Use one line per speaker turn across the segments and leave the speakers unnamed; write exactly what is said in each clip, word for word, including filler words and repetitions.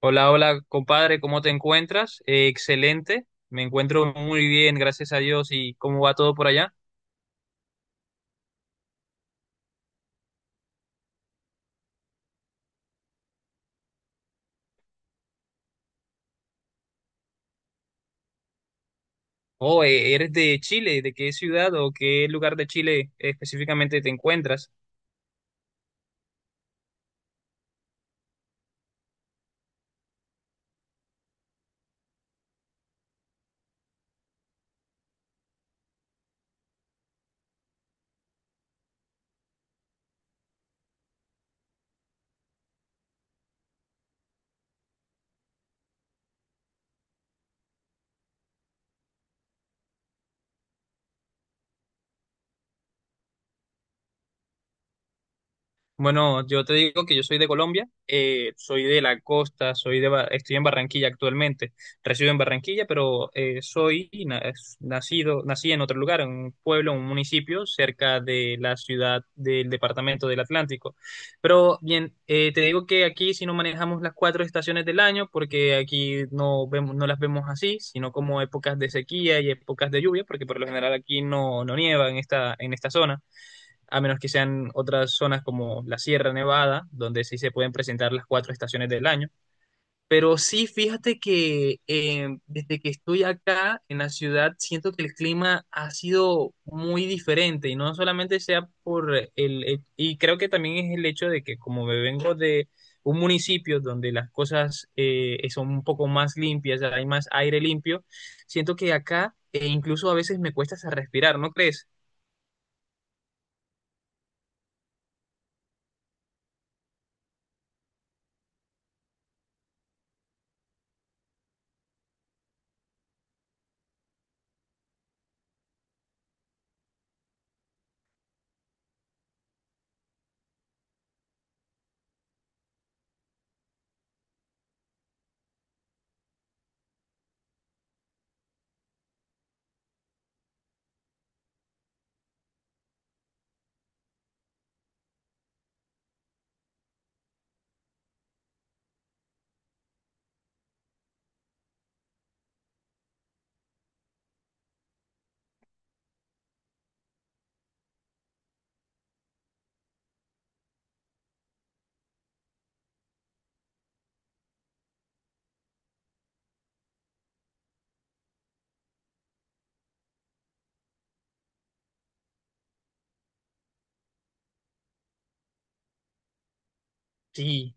Hola, hola, compadre, ¿cómo te encuentras? Eh, excelente, me encuentro muy bien, gracias a Dios. ¿Y cómo va todo por allá? Oh, eh, ¿eres de Chile? ¿De qué ciudad o qué lugar de Chile específicamente te encuentras? Bueno, yo te digo que yo soy de Colombia, eh, soy de la costa, soy de, Ba- estoy en Barranquilla actualmente, resido en Barranquilla, pero eh, soy na- nacido, nací en otro lugar, en un pueblo, en un municipio cerca de la ciudad del departamento del Atlántico. Pero bien, eh, te digo que aquí si no manejamos las cuatro estaciones del año, porque aquí no vemos, no las vemos así, sino como épocas de sequía y épocas de lluvia, porque por lo general aquí no, no nieva en esta, en esta zona a menos que sean otras zonas como la Sierra Nevada, donde sí se pueden presentar las cuatro estaciones del año. Pero sí, fíjate que eh, desde que estoy acá en la ciudad, siento que el clima ha sido muy diferente y no solamente sea por el, el- y creo que también es el hecho de que como me vengo de un municipio donde las cosas eh, son un poco más limpias, hay más aire limpio, siento que acá eh, incluso a veces me cuesta hasta respirar, ¿no crees? Sí.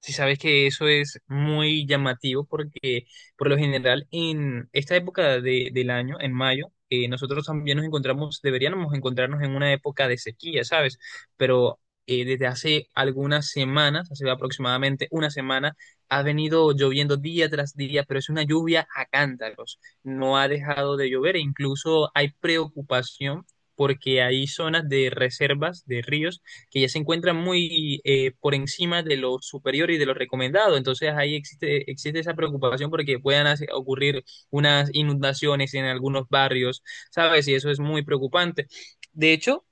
Si sabes que eso es muy llamativo porque por lo general en esta época de- del año, en mayo, eh, nosotros también nos encontramos, deberíamos encontrarnos en una época de sequía, ¿sabes? Pero eh, desde hace algunas semanas, hace aproximadamente una semana, ha venido lloviendo día tras día, pero es una lluvia a cántaros. No ha dejado de llover e incluso hay preocupación porque hay zonas de reservas de ríos que ya se encuentran muy eh, por encima de lo superior y de lo recomendado. Entonces ahí existe, existe esa preocupación porque puedan hace- ocurrir unas inundaciones en algunos barrios, ¿sabes? Y eso es muy preocupante. De hecho,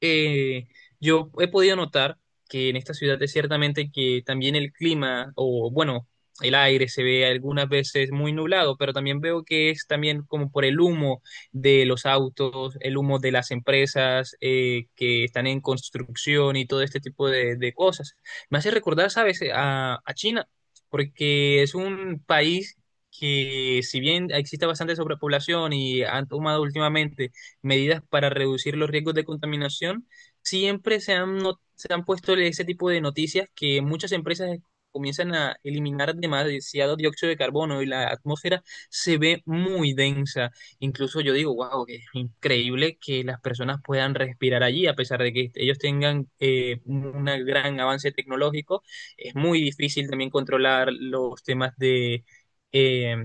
eh, yo he podido notar que en esta ciudad es ciertamente que también el clima, o bueno, el aire se ve algunas veces muy nublado, pero también veo que es también como por el humo de los autos, el humo de las empresas eh, que están en construcción y todo este tipo de, de cosas. Me hace recordar, ¿sabes?, a, a China, porque es un país que si bien existe bastante sobrepoblación y han tomado últimamente medidas para reducir los riesgos de contaminación, siempre se han, no- se han puesto ese tipo de noticias que muchas empresas comienzan a eliminar demasiado dióxido de carbono y la atmósfera se ve muy densa. Incluso yo digo, wow, que es increíble que las personas puedan respirar allí, a pesar de que ellos tengan eh, un gran avance tecnológico. Es muy difícil también controlar los temas de, eh,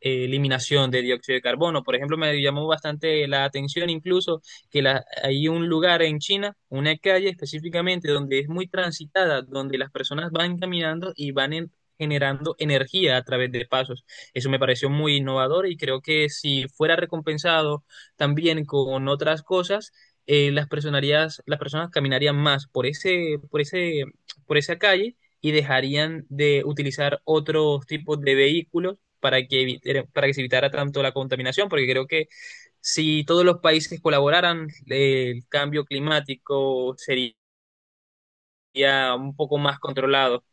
eh, eliminación de dióxido de carbono. Por ejemplo, me llamó bastante la atención incluso que la- hay un lugar en China, una calle específicamente, donde es muy transitada, donde las personas van caminando y van en- generando energía a través de pasos. Eso me pareció muy innovador y creo que si fuera recompensado también con otras cosas, eh, las personarías- las personas caminarían más por ese, por ese, por esa calle y dejarían de utilizar otros tipos de vehículos para que, evite- para que se evitara tanto la contaminación, porque creo que si todos los países colaboraran, eh, el cambio climático sería un poco más controlado.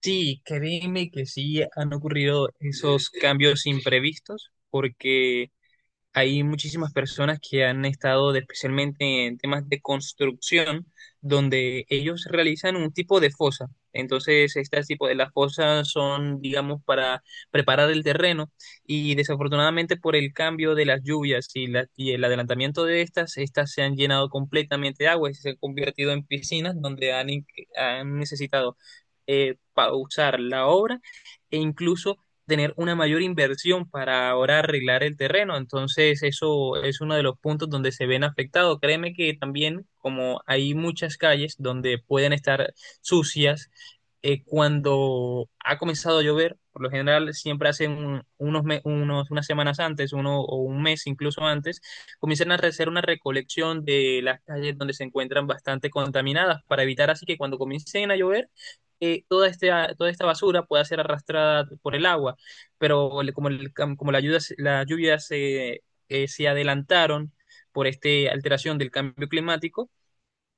Sí, créeme que sí han ocurrido esos cambios imprevistos, porque hay muchísimas personas que han estado de- especialmente en temas de construcción, donde ellos realizan un tipo de fosa. Entonces, este tipo de las fosas son, digamos, para preparar el terreno y desafortunadamente por el cambio de las lluvias y, la- y el adelantamiento de estas, estas se han llenado completamente de agua y se han convertido en piscinas donde han, in- han necesitado eh, pausar la obra e incluso tener una mayor inversión para ahora arreglar el terreno. Entonces, eso es uno de los puntos donde se ven afectados. Créeme que también, como hay muchas calles donde pueden estar sucias, eh, cuando ha comenzado a llover, por lo general siempre hacen un- unos, me- unos unas semanas antes, uno o un mes incluso antes, comienzan a hacer una recolección de las calles donde se encuentran bastante contaminadas para evitar así que cuando comiencen a llover, eh, toda, este, toda esta basura pueda ser arrastrada por el agua pero le- como, el cam- como la, ayuda, se- la lluvia se, eh, se adelantaron por esta alteración del cambio climático,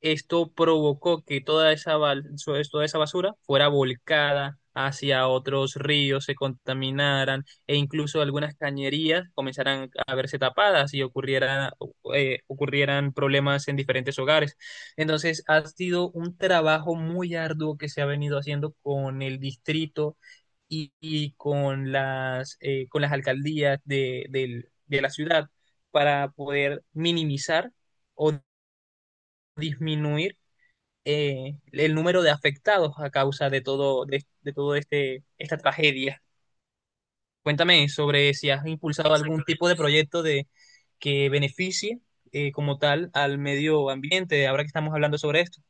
esto provocó que toda esa, bal- so- toda esa basura fuera volcada hacia otros ríos, se contaminaran e incluso algunas cañerías comenzaran a verse tapadas y ocurriera, eh, ocurrieran problemas en diferentes hogares. Entonces, ha sido un trabajo muy arduo que se ha venido haciendo con el distrito y, y con las, eh, con las alcaldías de, del- de la ciudad para poder minimizar o disminuir eh, el número de afectados a causa de todo, de, de todo este, esta tragedia. Cuéntame sobre si has impulsado algún tipo de proyecto de, que beneficie eh, como tal al medio ambiente, ahora que estamos hablando sobre esto.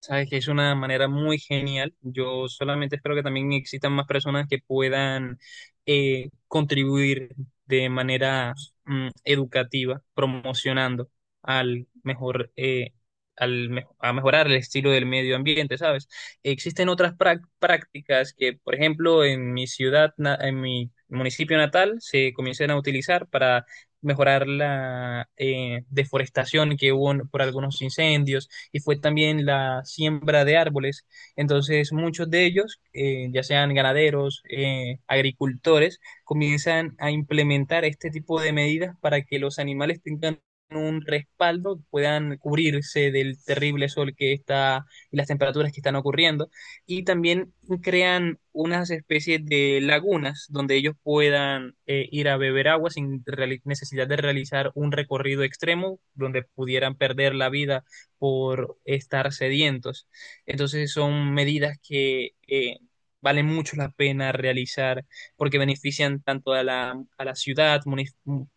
Sabes que es una manera muy genial. Yo solamente espero que también existan más personas que puedan eh, contribuir de manera mm, educativa, promocionando al mejor, eh, al me- a mejorar el estilo del medio ambiente, ¿sabes? Existen otras prac- prácticas que, por ejemplo, en mi ciudad, na- en mi municipio natal, se comienzan a utilizar para mejorar la eh, deforestación que hubo en- por algunos incendios y fue también la siembra de árboles. Entonces muchos de ellos, eh, ya sean ganaderos, eh, agricultores, comienzan a implementar este tipo de medidas para que los animales tengan un respaldo, puedan cubrirse del terrible sol que está y las temperaturas que están ocurriendo. Y también crean unas especies de lagunas donde ellos puedan eh, ir a beber agua sin reali- necesidad de realizar un recorrido extremo donde pudieran perder la vida por estar sedientos. Entonces son medidas que eh, valen mucho la pena realizar porque benefician tanto a la, a la ciudad, muni-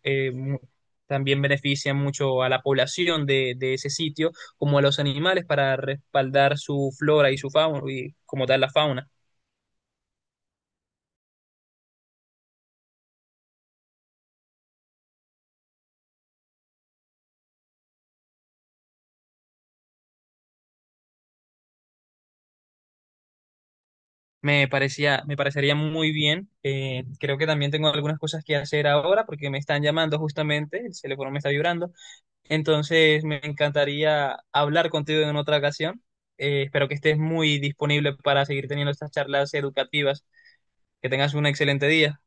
eh, mu- también benefician mucho a la población de, de ese sitio, como a los animales para respaldar su flora y su fauna, y como tal la fauna. Me parecía, me parecería muy bien. Eh, creo que también tengo algunas cosas que hacer ahora porque me están llamando justamente, el teléfono me está vibrando. Entonces, me encantaría hablar contigo en otra ocasión. Eh, espero que estés muy disponible para seguir teniendo estas charlas educativas. Que tengas un excelente día.